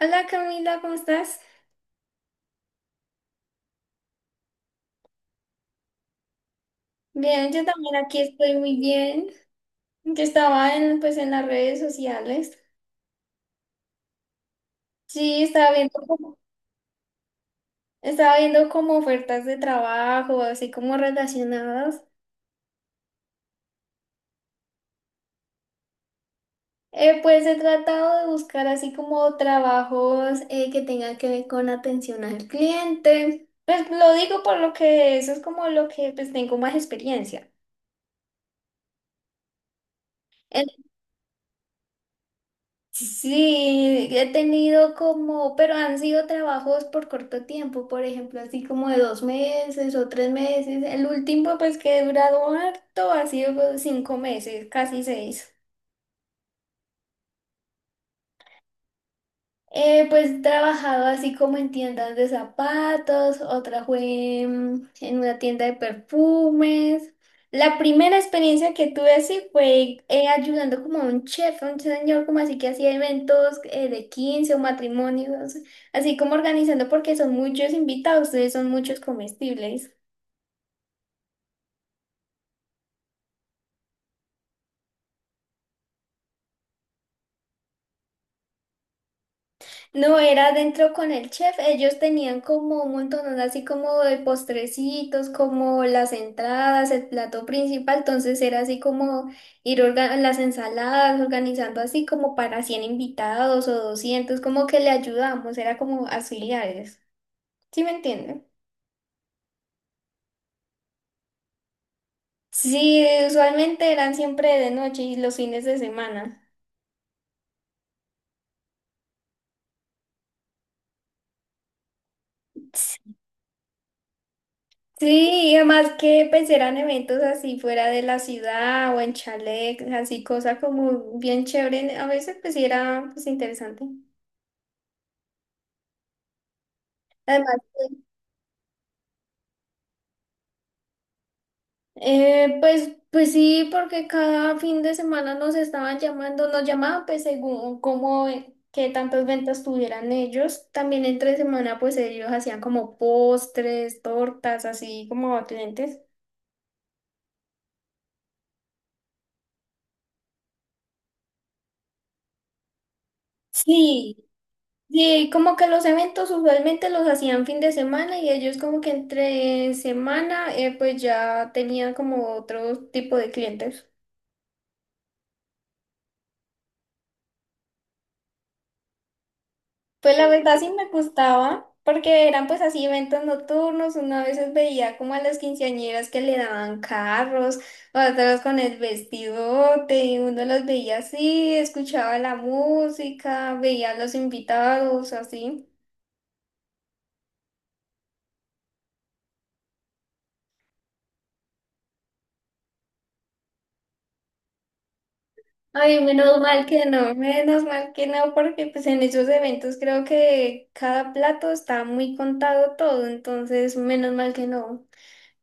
Hola Camila, ¿cómo estás? Bien, yo también aquí estoy muy bien. Yo estaba en, pues, en las redes sociales. Sí, estaba viendo como ofertas de trabajo, así como relacionadas. Pues he tratado de buscar así como trabajos que tengan que ver con atención al cliente. Pues lo digo por lo que eso es como lo que pues tengo más experiencia. Sí, he tenido como, pero han sido trabajos por corto tiempo, por ejemplo, así como de 2 meses o 3 meses. El último, pues que he durado harto, ha sido 5 meses, casi seis. Pues he trabajado así como en tiendas de zapatos, otra fue en una tienda de perfumes. La primera experiencia que tuve así fue ayudando como a un chef, a un señor como así que hacía eventos de 15 o matrimonios, así como organizando porque son muchos invitados, ustedes son muchos comestibles. No, era adentro con el chef. Ellos tenían como un montón, así como de postrecitos, como las entradas, el plato principal. Entonces era así como las ensaladas, organizando así como para 100 invitados o 200 como que le ayudamos, era como auxiliares. ¿Sí me entienden? Sí, usualmente eran siempre de noche y los fines de semana. Sí, y además que pues eran eventos así fuera de la ciudad o en chalet, así cosa como bien chévere, a veces pues sí era pues interesante. Además, pues sí, porque cada fin de semana nos estaban llamando, nos llamaban pues según cómo, qué tantas ventas tuvieran ellos. También entre semana pues ellos hacían como postres, tortas, así como a clientes. Sí. Sí, como que los eventos usualmente los hacían fin de semana y ellos como que entre semana pues ya tenían como otro tipo de clientes. Pues la verdad sí me gustaba porque eran pues así eventos nocturnos, una veces veía como a las quinceañeras que le daban carros, otras con el vestidote y uno los veía así, escuchaba la música, veía a los invitados así. Ay, menos mal que no, menos mal que no, porque pues en esos eventos creo que cada plato está muy contado todo, entonces menos mal que no.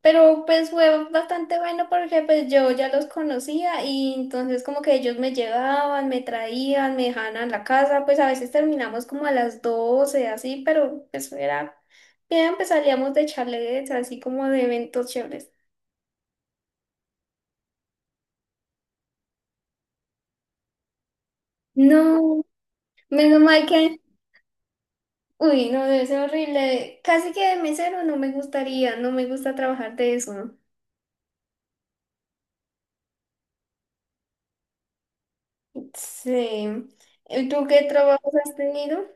Pero pues fue bastante bueno porque pues yo ya los conocía y entonces como que ellos me llevaban, me traían, me dejaban a la casa, pues a veces terminamos como a las 12 así, pero pues era bien, pues salíamos de charletes, así como de eventos chéveres. No, menos mal que uy, no, debe ser horrible. Casi que de mesero no me gustaría, no me gusta trabajar de eso. ¿No? Sí. ¿Y tú qué trabajos has tenido?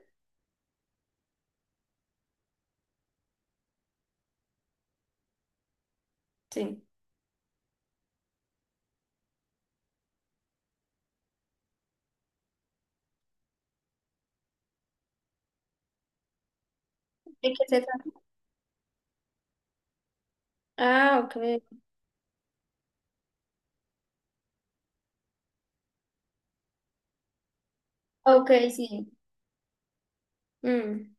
Sí. ¿De qué se trata? Ah, ok. Ok, sí. Mm,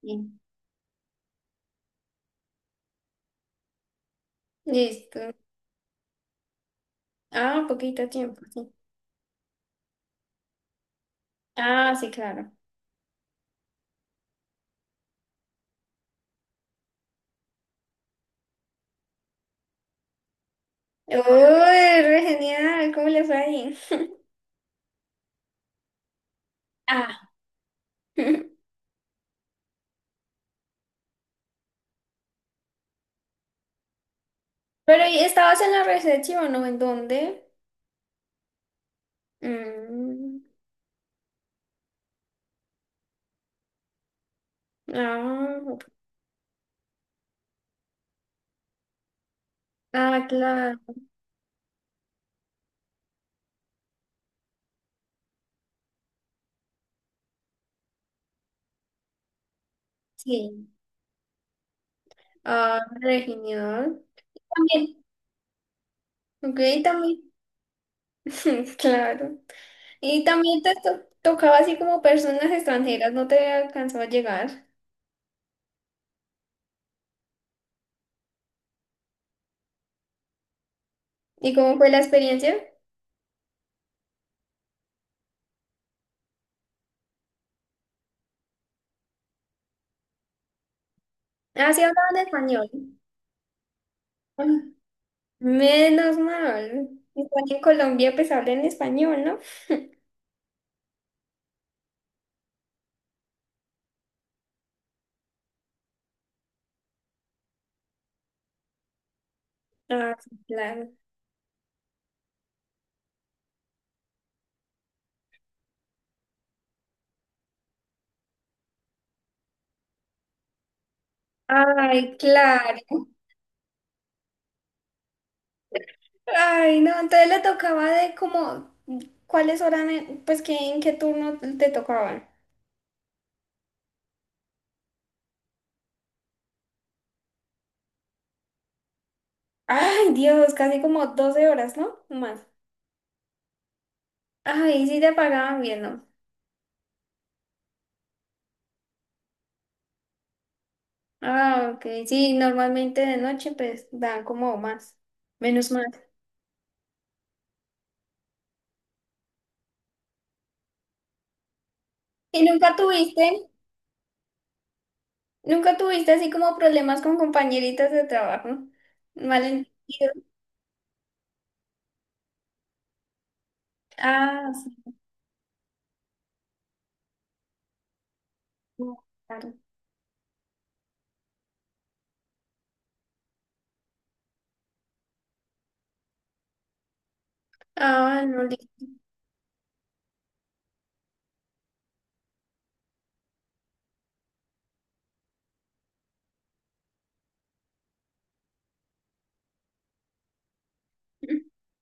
sí. Listo. Ah, poquito tiempo, sí. Ah, sí, claro. Uy, re genial, ¿cómo le fue ahí? Ah. Pero ¿y estabas en la recepción, o no? ¿En dónde? Mm. Ah, ok. Ah, claro. Sí. Ah, re genial. También. Ok, también. Claro. Y también tocaba así como personas extranjeras, no te alcanzó a llegar. ¿Y cómo fue la experiencia? Ah, sí, hablaban español. Ah, menos mal. Igual en Colombia pues hablan español, ¿no? Ah, sí, claro. Ay, claro. Ay, no, entonces le tocaba de como, ¿cuáles horas, pues que en qué turno te tocaban? Ay, Dios, casi como 12 horas, ¿no? Más. Ay, sí te pagaban bien, ¿no? Ah, ok. Sí, normalmente de noche pues dan como más, menos mal. ¿Y nunca tuviste, nunca tuviste así como problemas con compañeritas de trabajo? Malentendido. Ah, sí, no, claro. Ah, no, listo.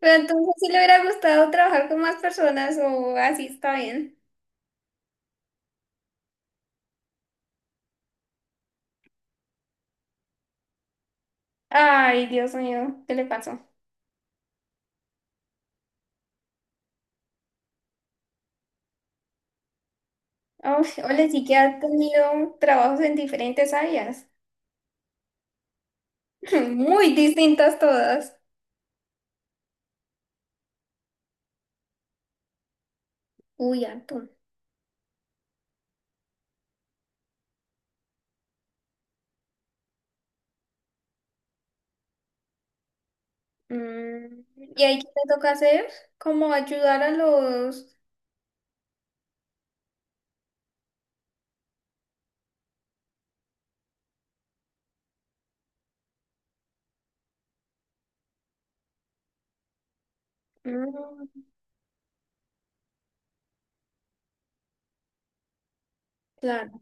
Pero entonces sí le hubiera gustado trabajar con más personas o así está bien. Ay, Dios mío, ¿qué le pasó? Uf, ole, sí que ha tenido trabajos en diferentes áreas, muy distintas todas. Uy, harto. Mm. ¿Y ahí qué te toca hacer? Como ayudar a los mm, plantas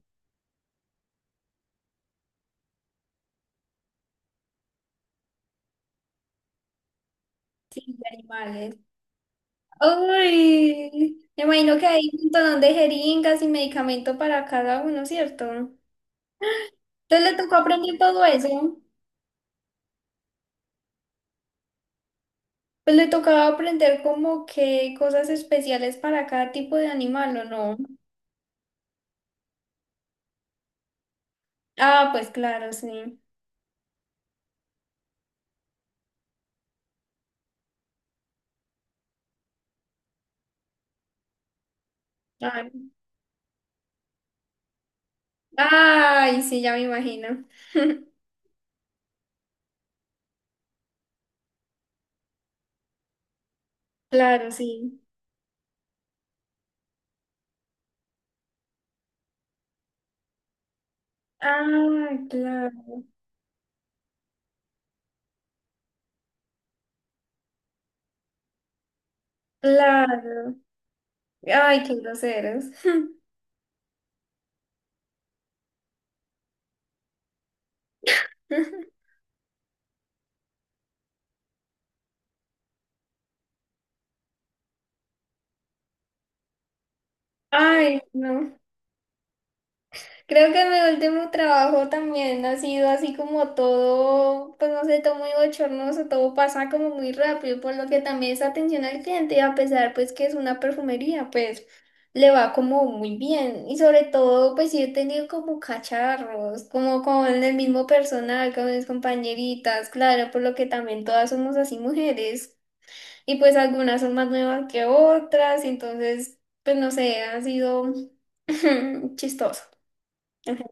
y animales. Uy, me imagino que hay un montón de jeringas y medicamento para cada uno, ¿cierto? Entonces le tocó aprender todo eso. Pues le tocaba aprender como que cosas especiales para cada tipo de animal, ¿o no? Ah, pues claro, sí. Ay, ay, sí, ya me imagino. Claro, sí. Ah, claro. Claro. Ay, qué groseros. Ay, no. Creo que mi último trabajo también ha sido así como todo, pues no sé, todo muy bochornoso, todo pasa como muy rápido, por lo que también esa atención al cliente, a pesar pues que es una perfumería, pues le va como muy bien. Y sobre todo, pues sí he tenido como cacharros, como con el mismo personal, con mis compañeritas, claro, por lo que también todas somos así mujeres. Y pues algunas son más nuevas que otras, entonces, pues no sé, ha sido chistoso. Ajá.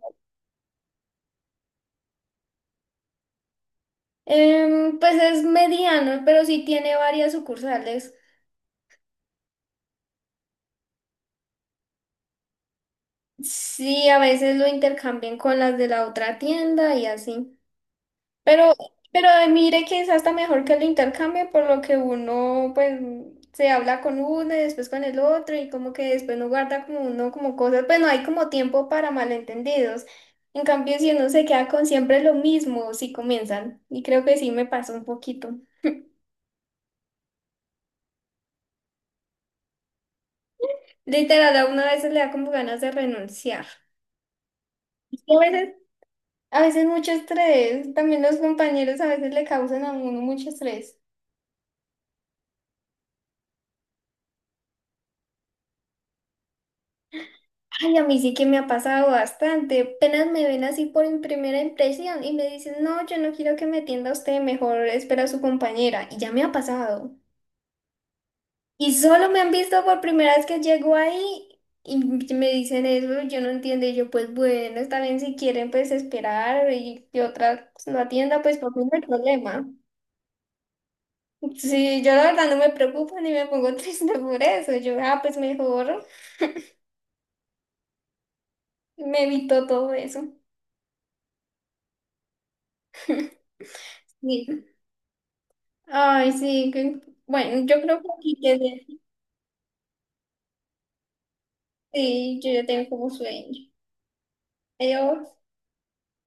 Pues es mediano, pero sí tiene varias sucursales. Sí, a veces lo intercambian con las de la otra tienda y así. Pero, pero mire que es hasta mejor que el intercambio, por lo que uno pues se habla con uno y después con el otro y como que después no guarda como uno como cosas, pues no hay como tiempo para malentendidos. En cambio, si uno se queda con siempre lo mismo, si comienzan, y creo que sí me pasó un poquito. Literal, a uno a veces le da como ganas de renunciar. Es que a veces mucho estrés, también los compañeros a veces le causan a uno mucho estrés. Ay, a mí sí que me ha pasado bastante. Apenas me ven así por mi primera impresión y me dicen, no, yo no quiero que me atienda usted, mejor espera a su compañera. Y ya me ha pasado. Y solo me han visto por primera vez que llego ahí y me dicen eso, yo no entiendo. Y yo, pues bueno, está bien si quieren, pues esperar y que otra pues, no atienda, pues por mí no hay problema. Sí, yo la verdad no me preocupo ni me pongo triste por eso. Yo, ah, pues mejor me evito todo eso. Sí. Ay, sí, que- bueno, yo creo que aquí quedé, sí, yo ya tengo como sueño. Adiós.